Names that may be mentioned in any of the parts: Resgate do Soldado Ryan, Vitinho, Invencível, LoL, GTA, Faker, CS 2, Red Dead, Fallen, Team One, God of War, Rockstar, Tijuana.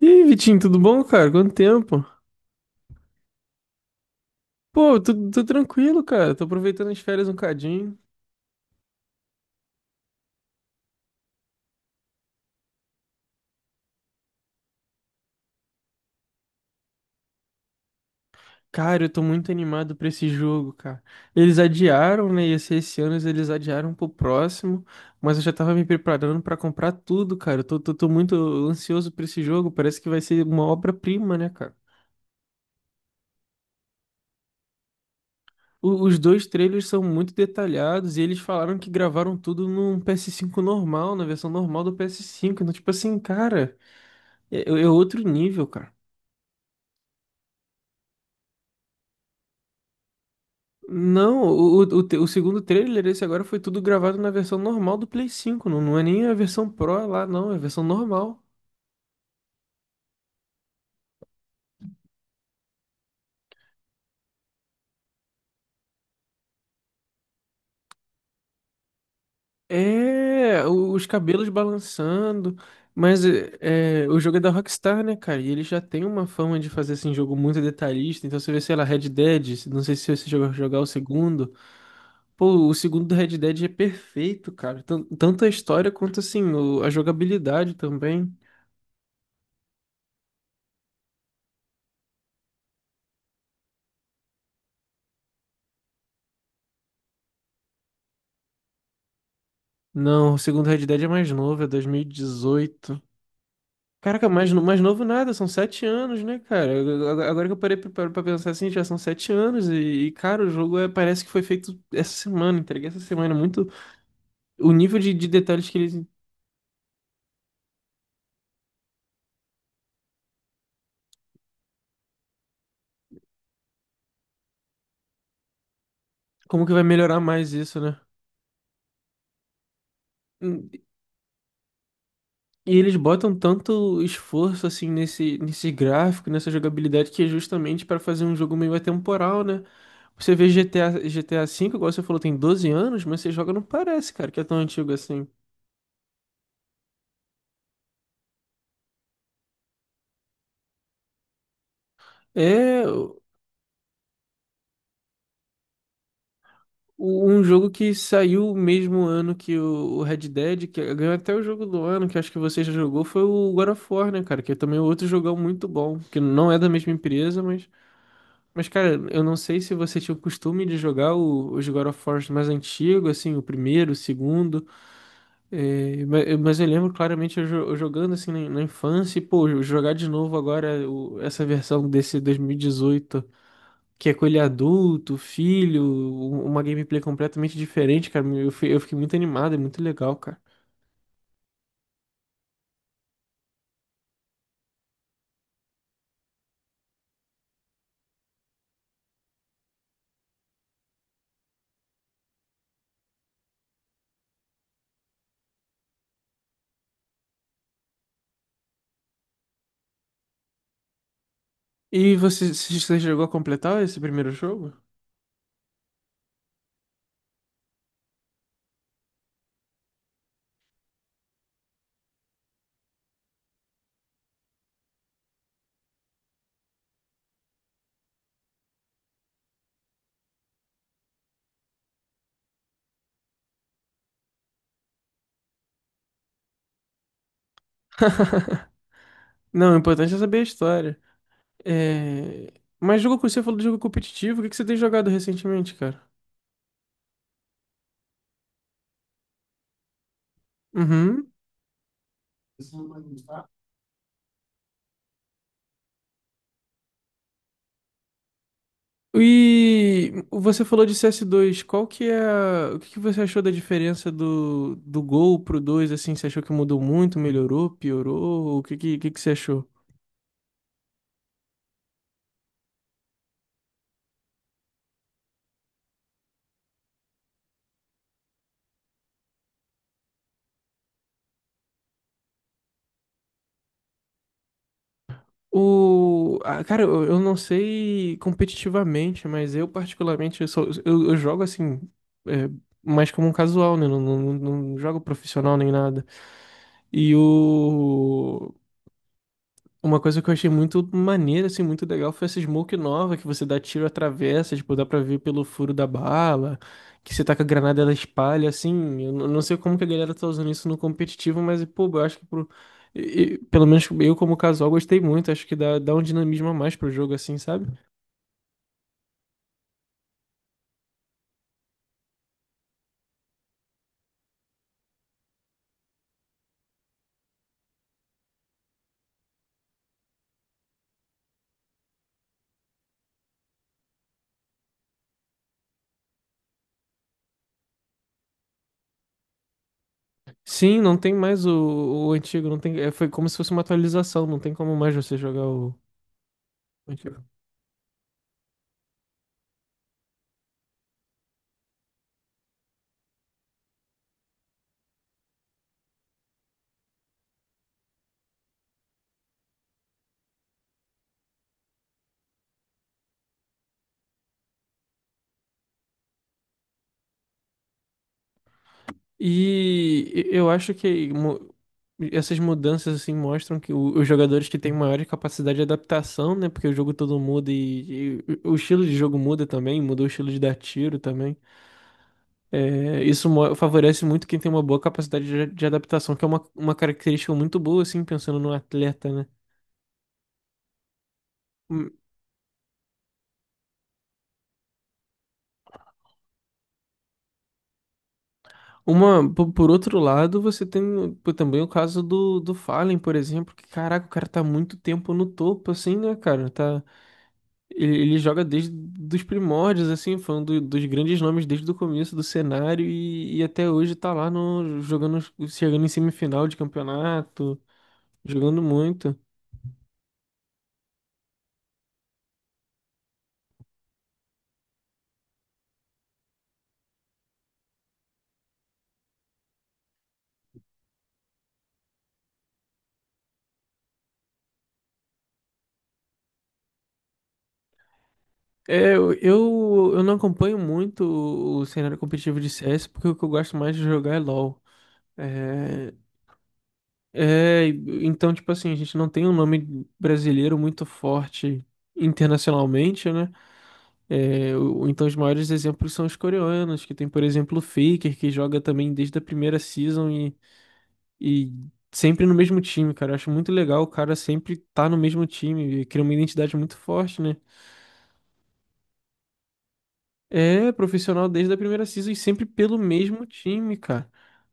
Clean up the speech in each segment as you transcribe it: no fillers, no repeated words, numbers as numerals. Ih, Vitinho, tudo bom, cara? Quanto tempo? Pô, tô tranquilo, cara. Tô aproveitando as férias um cadinho. Cara, eu tô muito animado pra esse jogo, cara. Eles adiaram, né? Ia ser esse ano, eles adiaram pro próximo. Mas eu já tava me preparando pra comprar tudo, cara. Eu tô muito ansioso pra esse jogo. Parece que vai ser uma obra-prima, né, cara? Os dois trailers são muito detalhados e eles falaram que gravaram tudo num PS5 normal, na versão normal do PS5. Então, tipo assim, cara, é outro nível, cara. Não, o segundo trailer, esse agora foi tudo gravado na versão normal do Play 5. Não, não é nem a versão Pro lá, não, é a versão normal. É, os cabelos balançando. Mas o jogo é da Rockstar, né, cara? E ele já tem uma fama de fazer assim, jogo muito detalhista. Então você vê, sei lá, Red Dead. Não sei se você jogou jogar o segundo. Pô, o segundo do Red Dead é perfeito, cara. Tanto a história quanto assim, a jogabilidade também. Não, o segundo Red Dead é mais novo, é 2018. Caraca, mais novo nada, são 7 anos, né, cara? Agora que eu parei pra pensar assim, já são 7 anos e, cara, parece que foi feito essa semana, entregue essa semana. É muito o nível de detalhes que eles. Como que vai melhorar mais isso, né? Hum, E eles botam tanto esforço, assim, nesse gráfico, nessa jogabilidade, que é justamente para fazer um jogo meio atemporal, né? Você vê GTA, GTA V, igual você falou, tem 12 anos, mas você joga não parece, cara, que é tão antigo assim. É. Um jogo que saiu o mesmo ano que o Red Dead, que ganhou até o jogo do ano, que acho que você já jogou, foi o God of War, né, cara? Que é também outro jogão muito bom, que não é da mesma empresa, mas. Mas, cara, eu não sei se você tinha o costume de jogar os God of War mais antigos, assim, o primeiro, o segundo. Mas eu lembro claramente eu jogando assim na infância e, pô, jogar de novo agora essa versão desse 2018 que é com ele adulto, filho, uma gameplay completamente diferente, cara. Eu fiquei muito animado, é muito legal, cara. E você chegou a completar esse primeiro jogo? Não, o importante é saber a história. É... Mas jogo que você falou de jogo competitivo, o que que você tem jogado recentemente, cara? Uhum. E você falou de CS2. Qual que é a... O que que você achou da diferença do Gol pro 2 assim? Você achou que mudou muito, melhorou, piorou? O que que você achou? Ah, cara, eu não sei competitivamente, mas eu particularmente, eu jogo assim, é, mais como um casual, né? Não, não, não não jogo profissional nem nada. E o... Uma coisa que eu achei muito maneira, assim, muito legal foi essa smoke nova que você dá tiro atravessa, tipo, dá pra ver pelo furo da bala, que você taca a granada ela espalha, assim. Não sei como que a galera tá usando isso no competitivo, mas, pô, eu acho que pelo menos eu como casual gostei muito, acho que dá um dinamismo a mais pro jogo, assim, sabe? Sim, não tem mais o antigo, não tem... é, foi como se fosse uma atualização, não tem como mais você jogar o... E eu acho que essas mudanças assim mostram que os jogadores que têm maior capacidade de adaptação, né? Porque o jogo todo muda e o estilo de jogo muda também, mudou o estilo de dar tiro também. É, favorece muito quem tem uma boa capacidade de adaptação, que é uma característica muito boa, assim, pensando no atleta, né? Hum, por outro lado, você tem também o caso do Fallen, por exemplo, que caraca, o cara tá muito tempo no topo, assim, né, cara? Tá. Ele joga desde dos primórdios, assim, foi um dos grandes nomes desde o começo do cenário e até hoje tá lá no, jogando, chegando em semifinal de campeonato, jogando muito. É, eu não acompanho muito o cenário competitivo de CS, porque o que eu gosto mais de jogar é LoL. É, é, então, tipo assim, a gente não tem um nome brasileiro muito forte internacionalmente, né? Então, os maiores exemplos são os coreanos, que tem, por exemplo, o Faker, que joga também desde a primeira season e sempre no mesmo time, cara. Eu acho muito legal o cara sempre tá no mesmo time, e cria uma identidade muito forte, né? É profissional desde a primeira season e sempre pelo mesmo time, cara.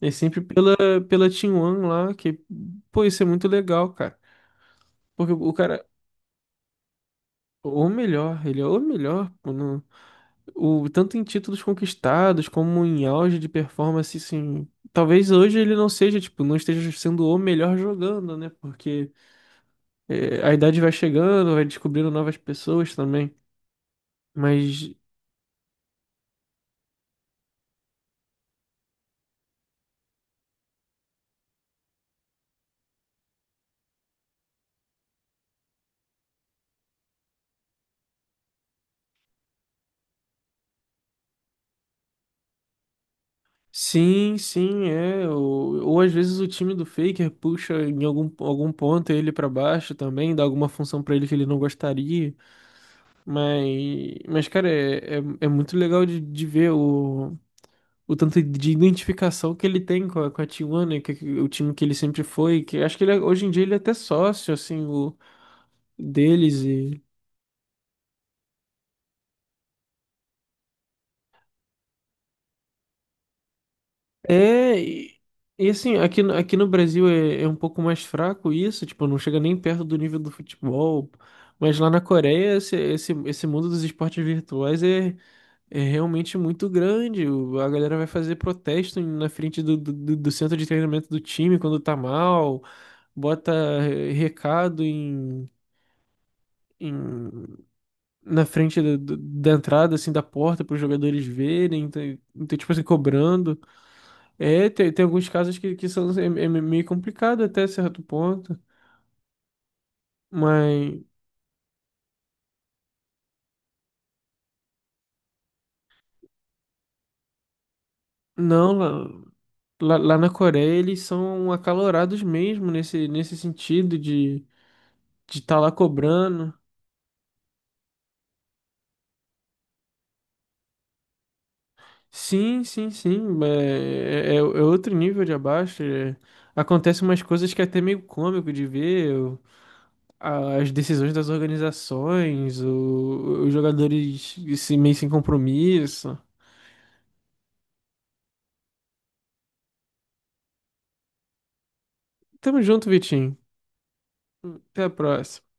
É sempre pela Team One lá, que, pô, isso é muito legal, cara. Porque o cara, O melhor, ele é o melhor, pô, tanto em títulos conquistados como em auge de performance, assim, talvez hoje ele não seja, tipo, não esteja sendo o melhor jogando, né? Porque a idade vai chegando, vai descobrindo novas pessoas também. Mas sim, sim, é. Ou às vezes o time do Faker puxa em algum ponto ele pra baixo também, dá alguma função pra ele que ele não gostaria. Mas cara, é muito legal de ver o tanto de identificação que ele tem com a Tijuana, o time que ele sempre foi, que acho que hoje em dia ele é até sócio, assim, deles e... É, e assim, aqui no Brasil é um pouco mais fraco isso, tipo, não chega nem perto do nível do futebol, mas lá na Coreia esse mundo dos esportes virtuais é realmente muito grande, a galera vai fazer protesto na frente do centro de treinamento do time quando tá mal, bota recado em- na frente da entrada, assim, da porta, para os jogadores verem, então, tipo assim, cobrando. É, tem alguns casos que são é meio complicado até certo ponto, mas não, lá na Coreia eles são acalorados mesmo nesse sentido de estar lá cobrando. Sim, sim, sim, é outro nível de abaixo. É. Acontecem umas coisas que é até meio cômico de ver. As decisões das organizações, os jogadores se meio sem compromisso. Tamo junto, Vitinho. Até a próxima.